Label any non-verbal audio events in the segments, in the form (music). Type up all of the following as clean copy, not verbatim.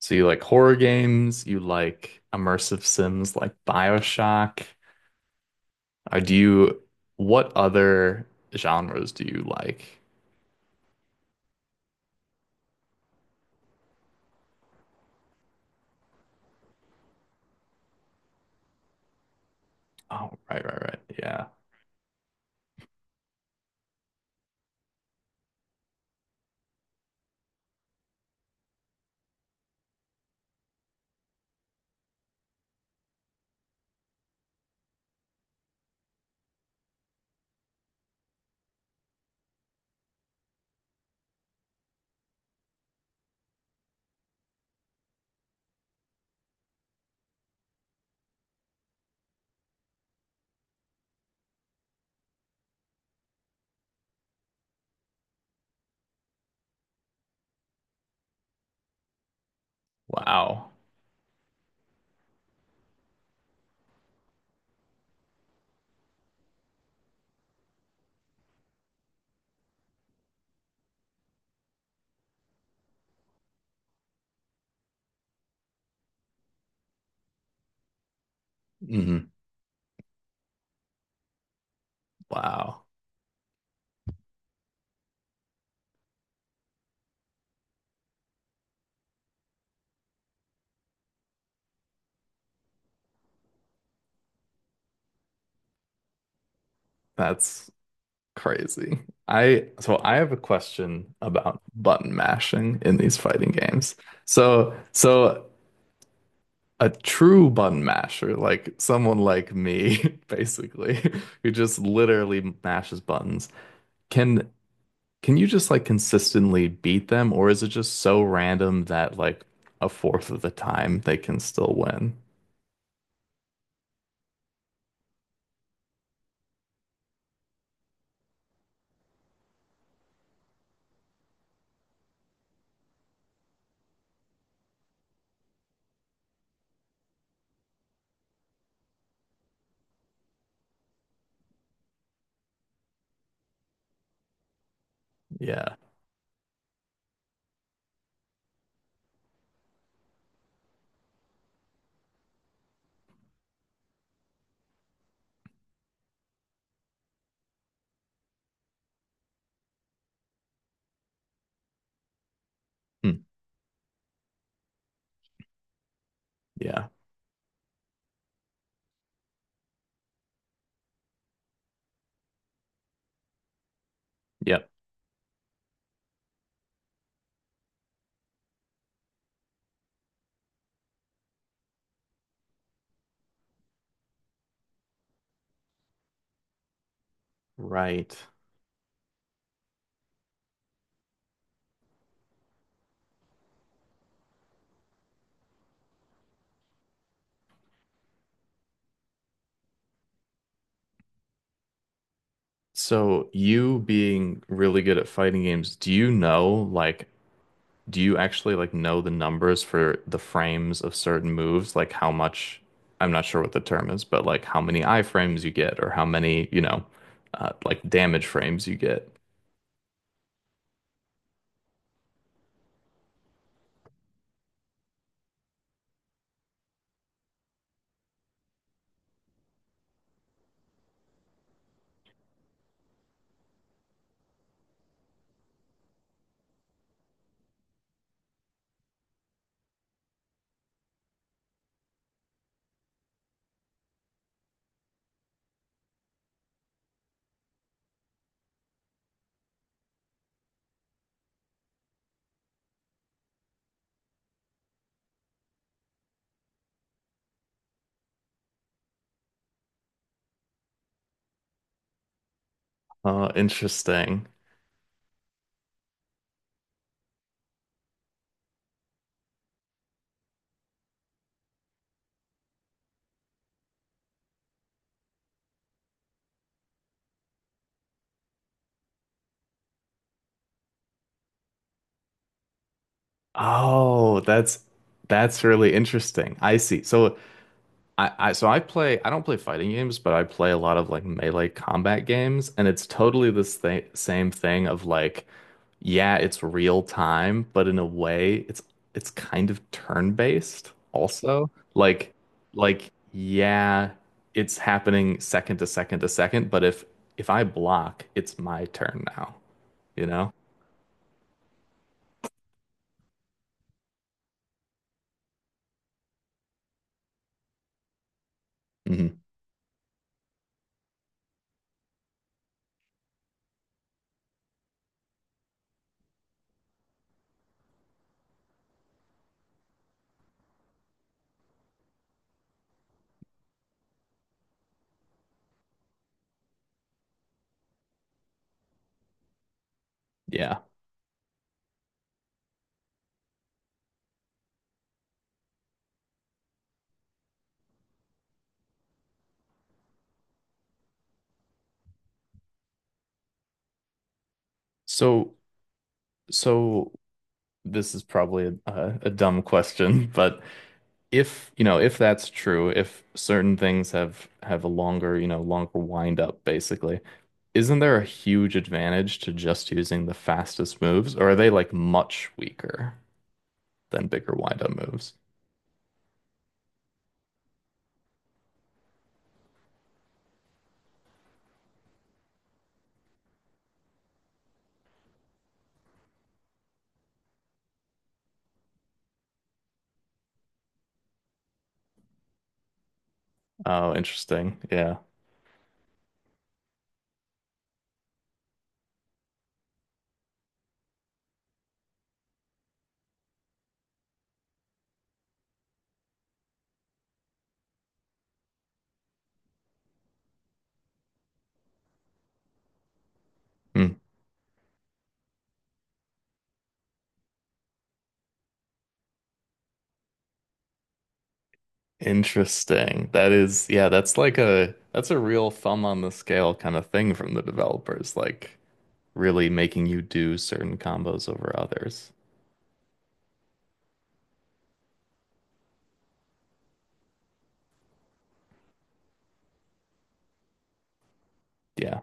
So you like horror games, you like immersive sims like BioShock. Do you, what other genres do you like? Oh, right, right, right. Yeah. Wow. Hmm. Wow. That's crazy. So I have a question about button mashing in these fighting games. So a true button masher, like someone like me, (laughs) basically, who just literally mashes buttons, can Can you just like consistently beat them, or is it just so random that like a fourth of the time they can still win? Yeah. Hmm. Yeah. Yep. Right. So you being really good at fighting games, do you know like do you actually like know the numbers for the frames of certain moves? Like how much, I'm not sure what the term is, but like how many iframes you get or how many, like damage frames you get. Interesting. Oh, that's really interesting. I see. So I don't play fighting games, but I play a lot of like melee combat games, and it's totally this thing, same thing of like, yeah, it's real time, but in a way it's kind of turn-based also. Like yeah, it's happening second to second to second, but if I block, it's my turn now, you know? Hmm. Yeah. So so this is probably a, dumb question, (laughs) but if, you know, if that's true, if certain things have a longer, you know, longer wind up basically, isn't there a huge advantage to just using the fastest moves, or are they like much weaker than bigger wind up moves? Oh, interesting. Yeah. Hmm. Interesting. That is, yeah, that's like a that's a real thumb on the scale kind of thing from the developers, like really making you do certain combos over others. Yeah.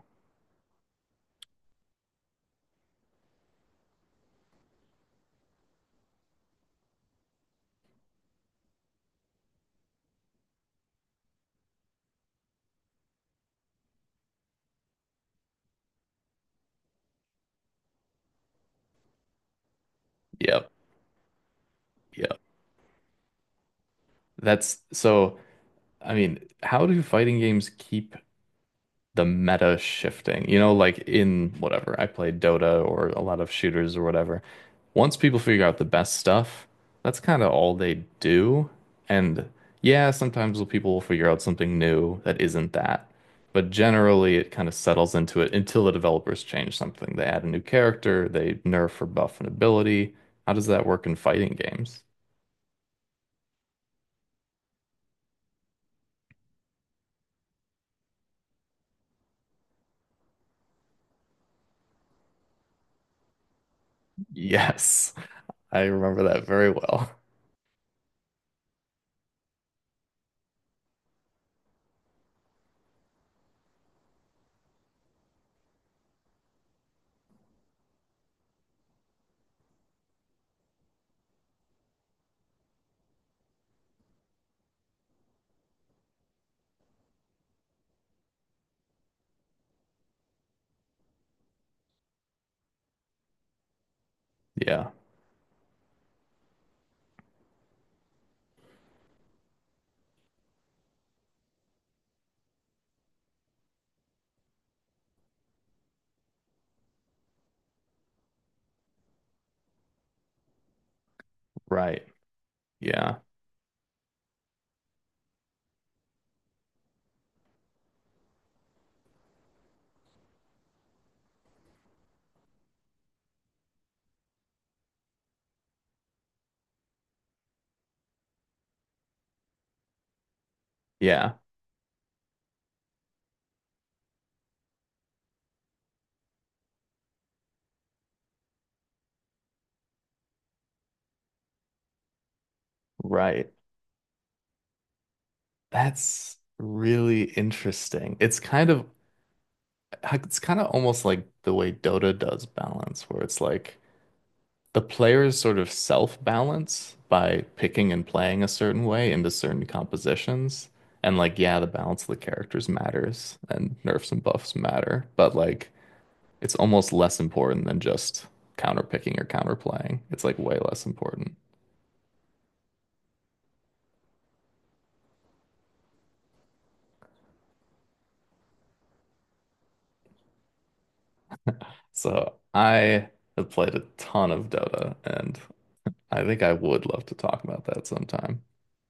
Yep. Yeah. That's so, I mean, how do fighting games keep the meta shifting? You know, like in whatever, I played Dota or a lot of shooters or whatever. Once people figure out the best stuff, that's kind of all they do. And yeah, sometimes people will figure out something new that isn't that. But generally, it kind of settles into it until the developers change something. They add a new character, they nerf or buff an ability. How does that work in fighting games? Yes. I remember that very well. (laughs) Yeah, right. Yeah, yeah, right. That's really interesting. It's kind of almost like the way Dota does balance, where it's like the players sort of self-balance by picking and playing a certain way into certain compositions. And like, yeah, the balance of the characters matters and nerfs and buffs matter, but like it's almost less important than just counterpicking or counterplaying. It's like way less important. So I have played a ton of Dota, and I think I would love to talk about that sometime.